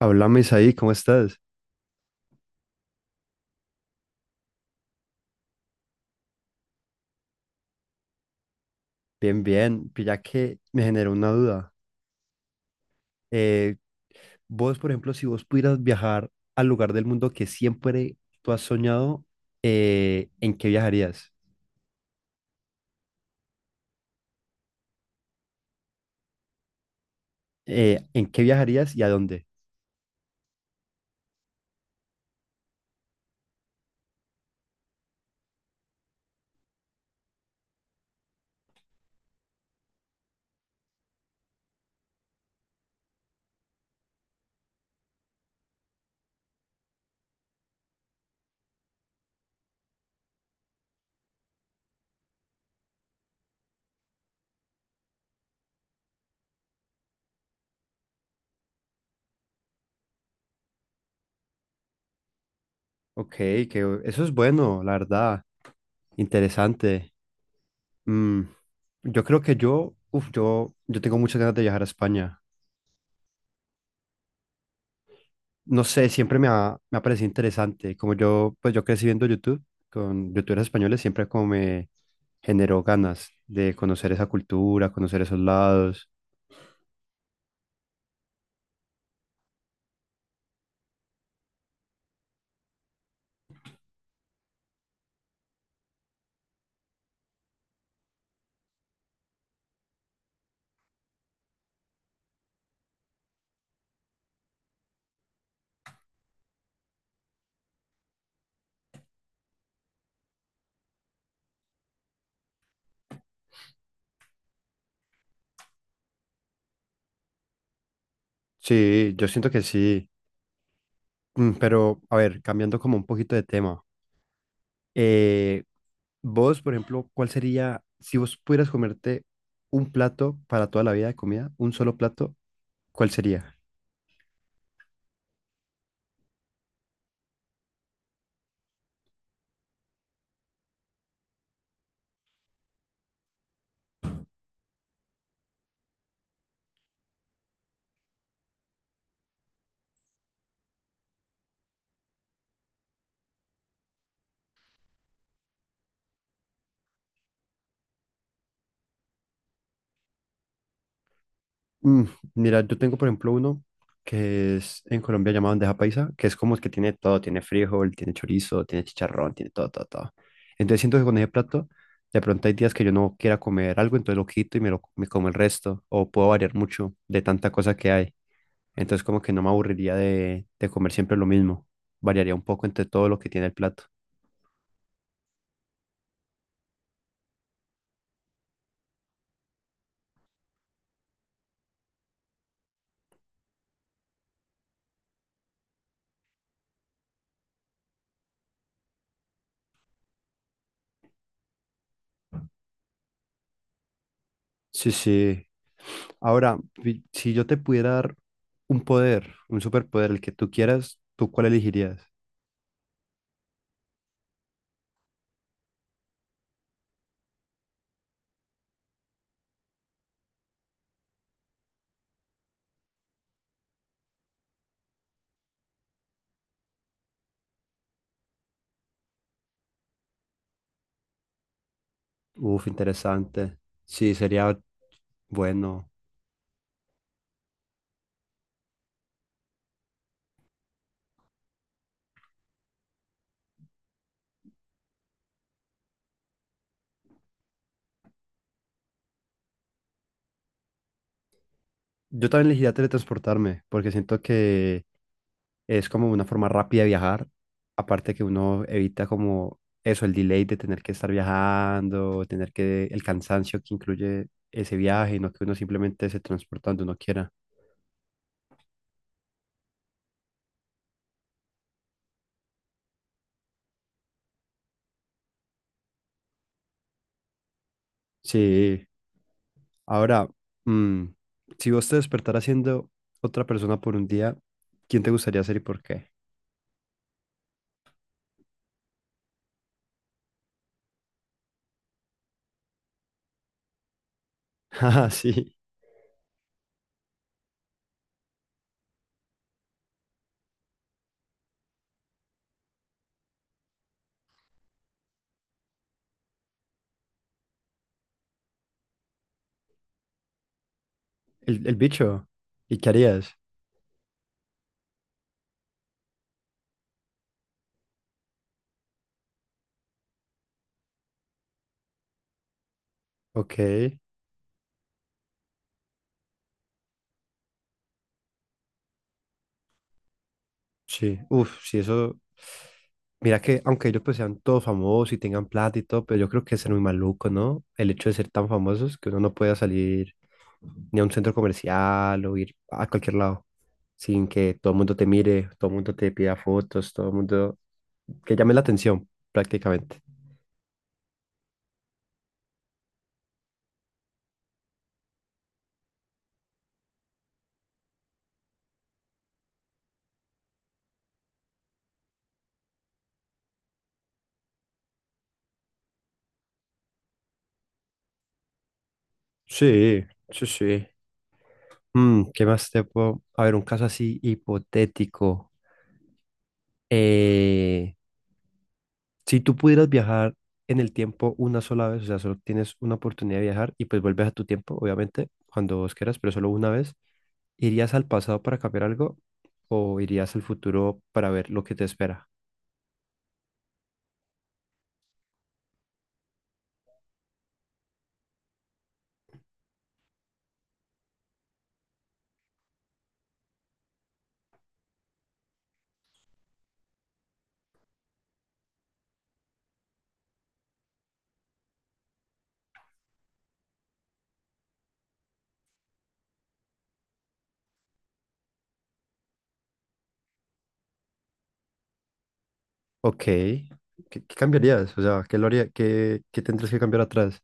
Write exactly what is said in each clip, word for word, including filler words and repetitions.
Háblame, ahí, ¿cómo estás? Bien, bien. Pilla que me generó una duda. Eh, vos, por ejemplo, si vos pudieras viajar al lugar del mundo que siempre tú has soñado, eh, ¿en qué viajarías? Eh, ¿en qué viajarías y a dónde? Ok, que eso es bueno, la verdad. Interesante. Mm, yo creo que yo, uf, yo, yo tengo muchas ganas de viajar a España. No sé, siempre me ha, me ha parecido interesante. Como yo, pues yo crecí viendo YouTube con youtubers españoles, siempre como me generó ganas de conocer esa cultura, conocer esos lados. Sí, yo siento que sí. Mm. Pero, a ver, cambiando como un poquito de tema. eh, vos, por ejemplo, ¿cuál sería, si vos pudieras comerte un plato para toda la vida de comida, un solo plato, ¿cuál sería? Mm, mira, yo tengo por ejemplo uno que es en Colombia llamado bandeja paisa, que es como el que tiene todo, tiene frijol, tiene chorizo, tiene chicharrón, tiene todo, todo, todo. Entonces siento que con ese plato, de pronto hay días que yo no quiera comer algo, entonces lo quito y me lo me como el resto, o puedo variar mucho de tanta cosa que hay. Entonces como que no me aburriría de, de comer siempre lo mismo, variaría un poco entre todo lo que tiene el plato. Sí, sí. Ahora, vi- si yo te pudiera dar un poder, un superpoder, el que tú quieras, ¿tú cuál elegirías? Uf, interesante. Sí, sería bueno. Yo también elegiría teletransportarme porque siento que es como una forma rápida de viajar. Aparte que uno evita como eso, el delay de tener que estar viajando, tener que el cansancio que incluye ese viaje, y no que uno simplemente se transporta donde uno quiera. Sí. Ahora, mm, si vos te despertaras siendo otra persona por un día, ¿quién te gustaría ser y por qué? Ah, sí. El, el bicho. ¿Y qué harías? Ok, sí, uf, sí, eso. Mira que, aunque ellos pues sean todos famosos y tengan plata y todo, pero yo creo que es ser muy maluco, ¿no? El hecho de ser tan famosos que uno no pueda salir ni a un centro comercial o ir a cualquier lado sin que todo el mundo te mire, todo el mundo te pida fotos, todo el mundo que llame la atención prácticamente. Sí, sí, sí. Mm, ¿qué más te puedo? A ver, un caso así hipotético. Eh, Si tú pudieras viajar en el tiempo una sola vez, o sea, solo tienes una oportunidad de viajar y pues vuelves a tu tiempo, obviamente, cuando vos quieras, pero solo una vez, ¿irías al pasado para cambiar algo o irías al futuro para ver lo que te espera? Ok, ¿qué, qué cambiarías? O sea, ¿qué lo haría- qué, qué tendrías que cambiar atrás?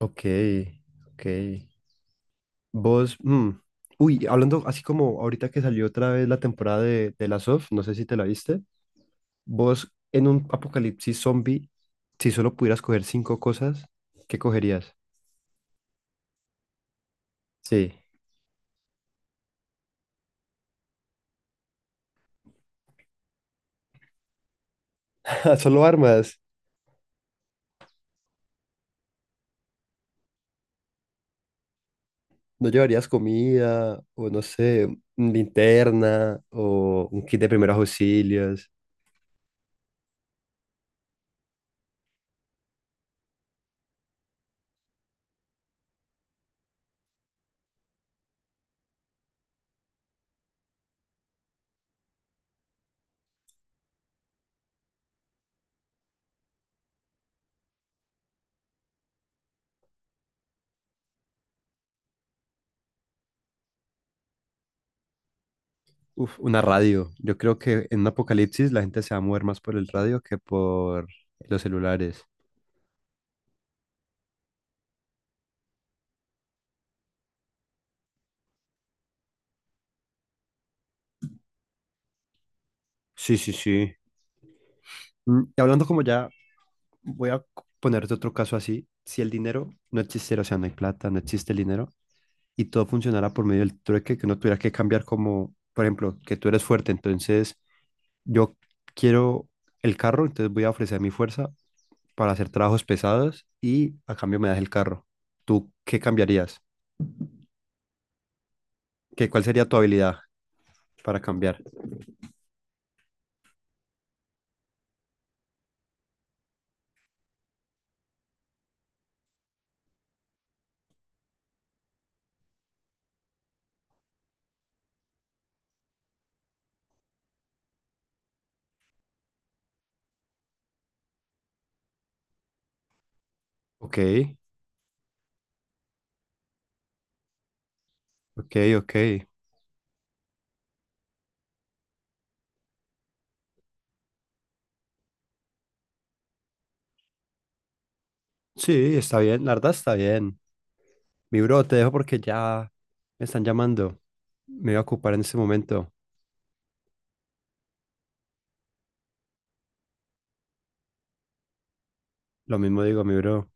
Ok, ok. Vos, mm, uy, hablando así como ahorita que salió otra vez la temporada de, de Last of, no sé si te la viste. Vos en un apocalipsis zombie, si solo pudieras coger cinco cosas, ¿qué cogerías? Sí. Solo armas. No llevarías comida o no sé, un- linterna o un kit de primeros auxilios. Uf, una radio. Yo creo que en un apocalipsis la gente se va a mover más por el radio que por los celulares. Sí, sí, sí. Mm, y hablando como ya, voy a c- ponerte otro caso así. Si el dinero no existiera, o sea, no hay plata, no existe el dinero, y todo funcionara por medio del trueque, que uno tuviera que cambiar como, por ejemplo, que tú eres fuerte, entonces yo quiero el carro, entonces voy a ofrecer mi fuerza para hacer trabajos pesados y a cambio me das el carro. ¿Tú qué cambiarías? ¿Qué, cuál sería tu habilidad para cambiar? Ok, ok, ok. Sí, está bien, la verdad está bien. Mi bro, te dejo porque ya me están llamando. Me voy a ocupar en este momento. Lo mismo digo, mi bro.